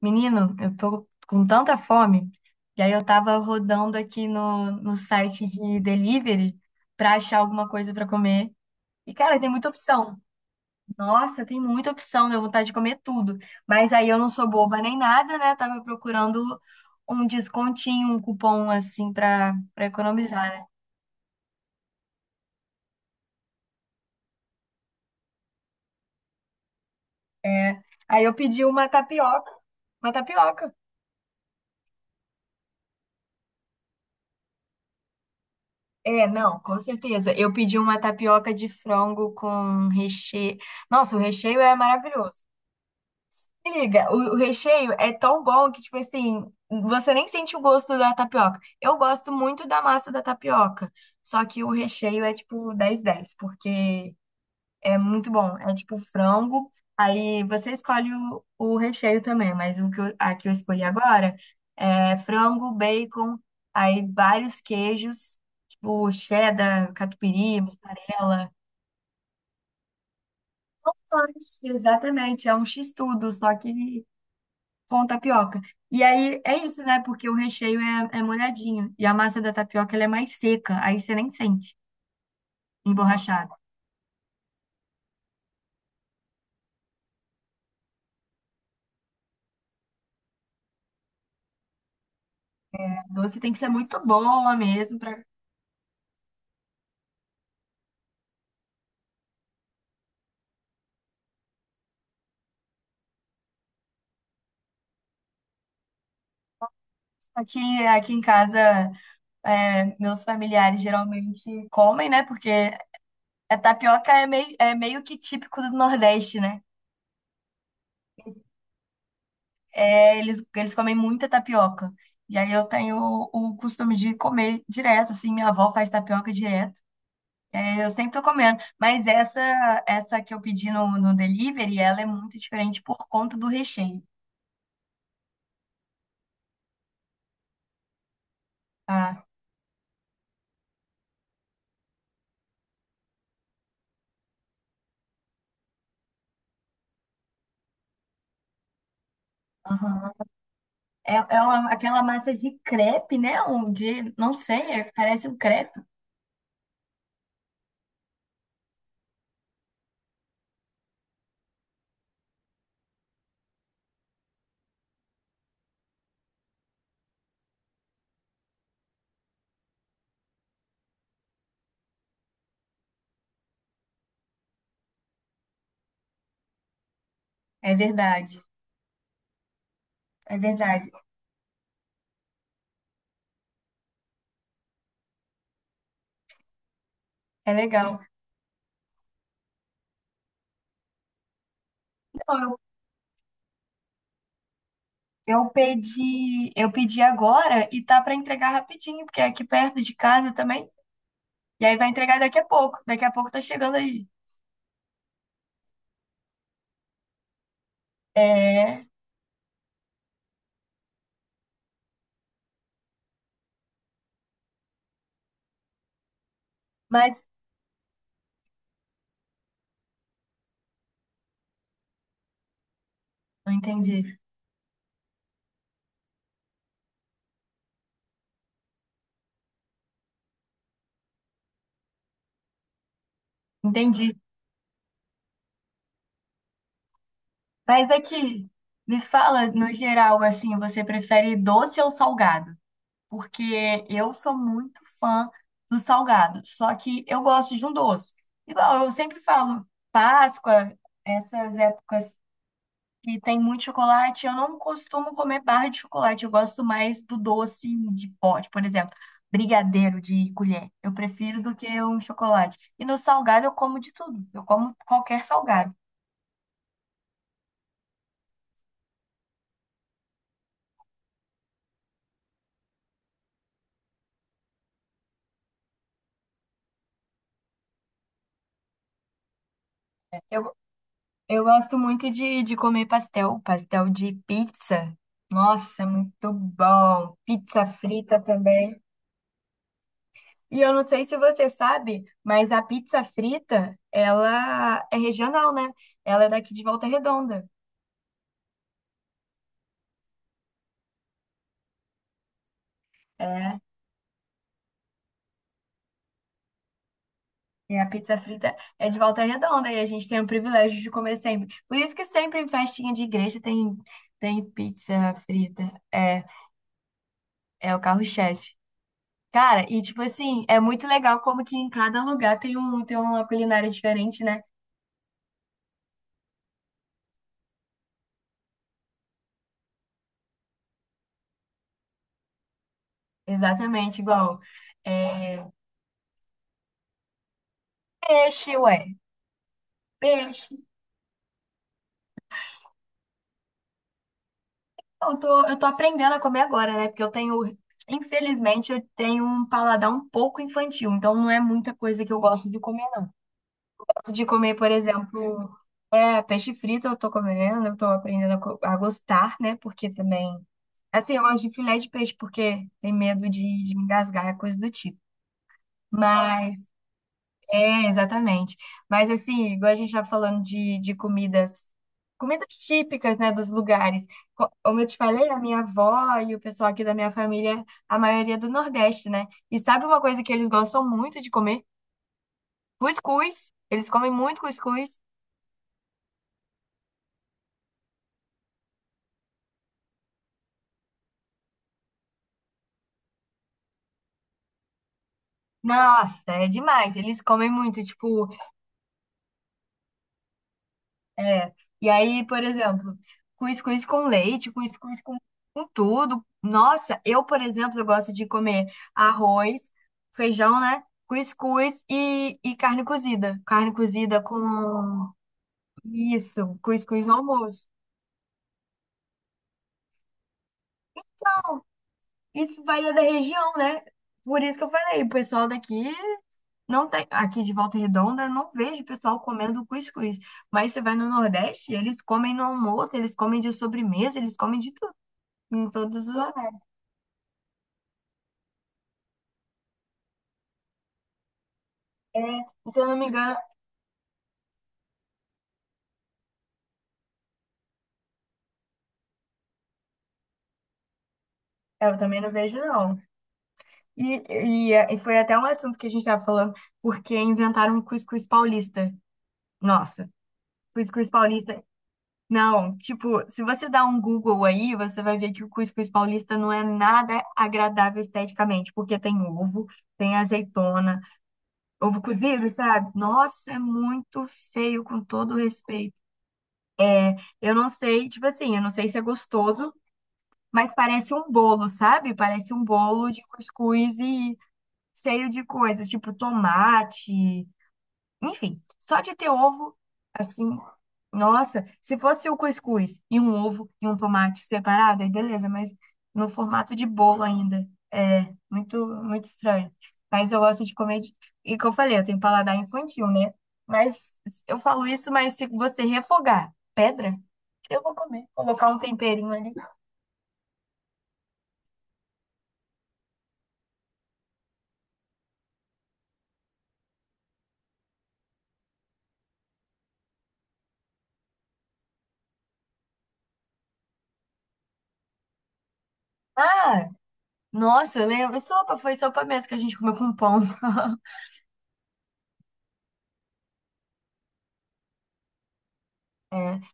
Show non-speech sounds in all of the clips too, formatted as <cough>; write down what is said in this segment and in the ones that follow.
Menino, eu tô com tanta fome. E aí eu tava rodando aqui no site de delivery pra achar alguma coisa pra comer. E, cara, tem muita opção. Nossa, tem muita opção, deu vontade de comer tudo. Mas aí eu não sou boba nem nada, né? Tava procurando um descontinho, um cupom assim pra economizar, né? É. Aí eu pedi uma tapioca. Uma tapioca. É, não, com certeza. Eu pedi uma tapioca de frango com recheio. Nossa, o recheio é maravilhoso. Se liga, o recheio é tão bom que, tipo assim, você nem sente o gosto da tapioca. Eu gosto muito da massa da tapioca, só que o recheio é tipo dez dez porque é muito bom. É tipo frango, aí você escolhe o recheio também, mas o que eu, a que eu escolhi agora é frango, bacon, aí vários queijos, tipo cheddar, catupiry, mussarela. Nossa, exatamente, é um x-tudo, só que com tapioca. E aí é isso, né? Porque o recheio é molhadinho e a massa da tapioca ela é mais seca, aí você nem sente emborrachado. A doce tem que ser muito boa mesmo para aqui, aqui em casa, é, meus familiares geralmente comem, né? Porque a tapioca é meio que típico do Nordeste, né? É, eles comem muita tapioca. E aí eu tenho o costume de comer direto, assim, minha avó faz tapioca direto. Eu sempre tô comendo, mas essa que eu pedi no delivery, ela é muito diferente por conta do recheio, tá? Aham. É uma- aquela massa de crepe, né? Ou de, não sei, é- parece um crepe. É verdade, é verdade. É legal. Não, eu pedi agora e tá pra entregar rapidinho, porque é aqui perto de casa também. E aí vai entregar daqui a pouco. Daqui a pouco tá chegando aí. É, mas não entendi. Entendi. Mas é que me fala, no geral, assim, você prefere doce ou salgado? Porque eu sou muito fã do salgado, só que eu gosto de um doce. Igual eu sempre falo, Páscoa, essas épocas que tem muito chocolate, eu não costumo comer barra de chocolate, eu gosto mais do doce de pote, por exemplo, brigadeiro de colher. Eu prefiro do que um chocolate. E no salgado eu como de tudo, eu como qualquer salgado. Eu gosto muito de comer pastel, pastel de pizza. Nossa, é muito bom. Pizza frita também. E eu não sei se você sabe, mas a pizza frita, ela é regional, né? Ela é daqui de Volta Redonda. É, e a pizza frita é de Volta Redonda e a gente tem o privilégio de comer sempre. Por isso que sempre em festinha de igreja tem, tem pizza frita. É, é o carro-chefe. Cara, e tipo assim, é muito legal como que em cada lugar tem um, tem uma culinária diferente, né? Exatamente, igual é, peixe, ué, peixe. Eu tô aprendendo a comer agora, né? Porque eu tenho, infelizmente, eu tenho um paladar um pouco infantil, então não é muita coisa que eu gosto de comer, não. Gosto de comer, por exemplo, é, peixe frito eu tô comendo, eu tô aprendendo a, co- a gostar, né? Porque também, assim, eu gosto de filé de peixe porque tem medo de me engasgar, é coisa do tipo. Mas é, exatamente. Mas assim, igual a gente tá falando de comidas, comidas típicas, né, dos lugares. Co- Como eu te falei, a minha avó e o pessoal aqui da minha família, a maioria é do Nordeste, né? E sabe uma coisa que eles gostam muito de comer? Cuscuz. Eles comem muito cuscuz. Nossa, é demais. Eles comem muito, tipo é. E aí, por exemplo, cuscuz com leite, cuscuz com tudo. Nossa, eu, por exemplo, eu gosto de comer arroz, feijão, né? Cuscuz e carne cozida. Carne cozida com isso, cuscuz no almoço. Isso varia da região, né? Por isso que eu falei, o pessoal daqui não tem, aqui de Volta Redonda, eu não vejo o pessoal comendo cuscuz. Mas você vai no Nordeste, eles comem no almoço, eles comem de sobremesa, eles comem de tudo, em todos os é, se eu não me engano, é, eu também não vejo, não. E, e foi até um assunto que a gente estava falando, porque inventaram um cuscuz paulista. Nossa, cuscuz paulista. Não, tipo, se você dá um Google aí, você vai ver que o cuscuz paulista não é nada agradável esteticamente, porque tem ovo, tem azeitona, ovo cozido, sabe? Nossa, é muito feio, com todo o respeito. Eu não sei, tipo assim, eu não sei se é gostoso, mas parece um bolo, sabe? Parece um bolo de cuscuz e cheio de coisas, tipo tomate, enfim, só de ter ovo, assim, nossa, se fosse o cuscuz e um ovo e um tomate separado, aí beleza, mas no formato de bolo ainda, é muito, muito estranho. Mas eu gosto de comer, de... e que eu falei, eu tenho paladar infantil, né? Mas eu falo isso, mas se você refogar pedra, eu vou comer, colocar um temperinho ali. Ah, nossa, eu lembro, sopa, foi sopa mesmo que a gente comeu com pão. <laughs>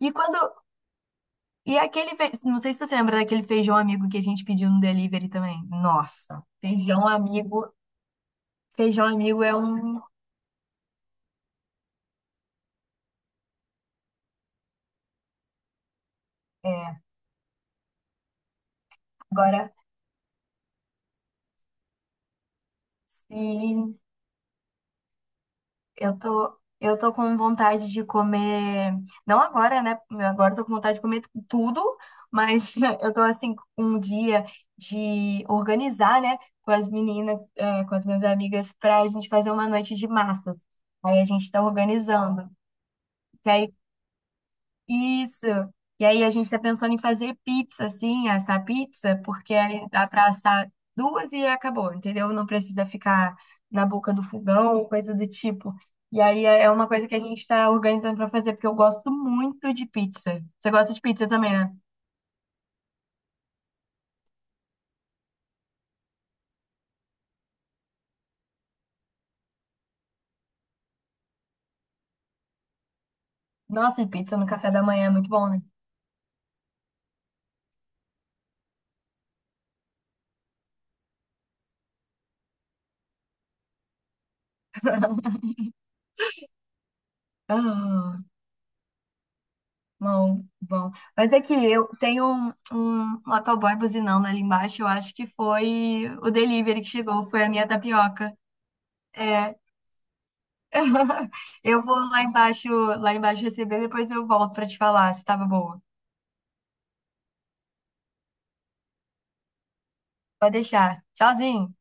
E quando e aquele, fe... não sei se você lembra daquele feijão amigo que a gente pediu no delivery também. Nossa, feijão amigo é um, é, agora sim, eu tô com vontade de comer, não agora, né? Agora eu tô com vontade de comer tudo, mas <laughs> eu tô assim com um dia de organizar, né, com as meninas, é, com as minhas amigas pra gente fazer uma noite de massas. Aí a gente tá organizando. Que aí isso. E aí a gente tá pensando em fazer pizza, assim, assar pizza, porque aí dá para assar duas e acabou, entendeu? Não precisa ficar na boca do fogão, coisa do tipo. E aí é uma coisa que a gente está organizando para fazer, porque eu gosto muito de pizza. Você gosta de pizza também, né? Nossa, e pizza no café da manhã é muito bom, né? Ah, bom, bom. Mas é que eu tenho um motoboy buzinando ali embaixo, eu acho que foi o delivery que chegou, foi a minha tapioca. É, <laughs> eu vou lá embaixo receber, depois eu volto pra te falar se tava boa. Pode deixar. Tchauzinho.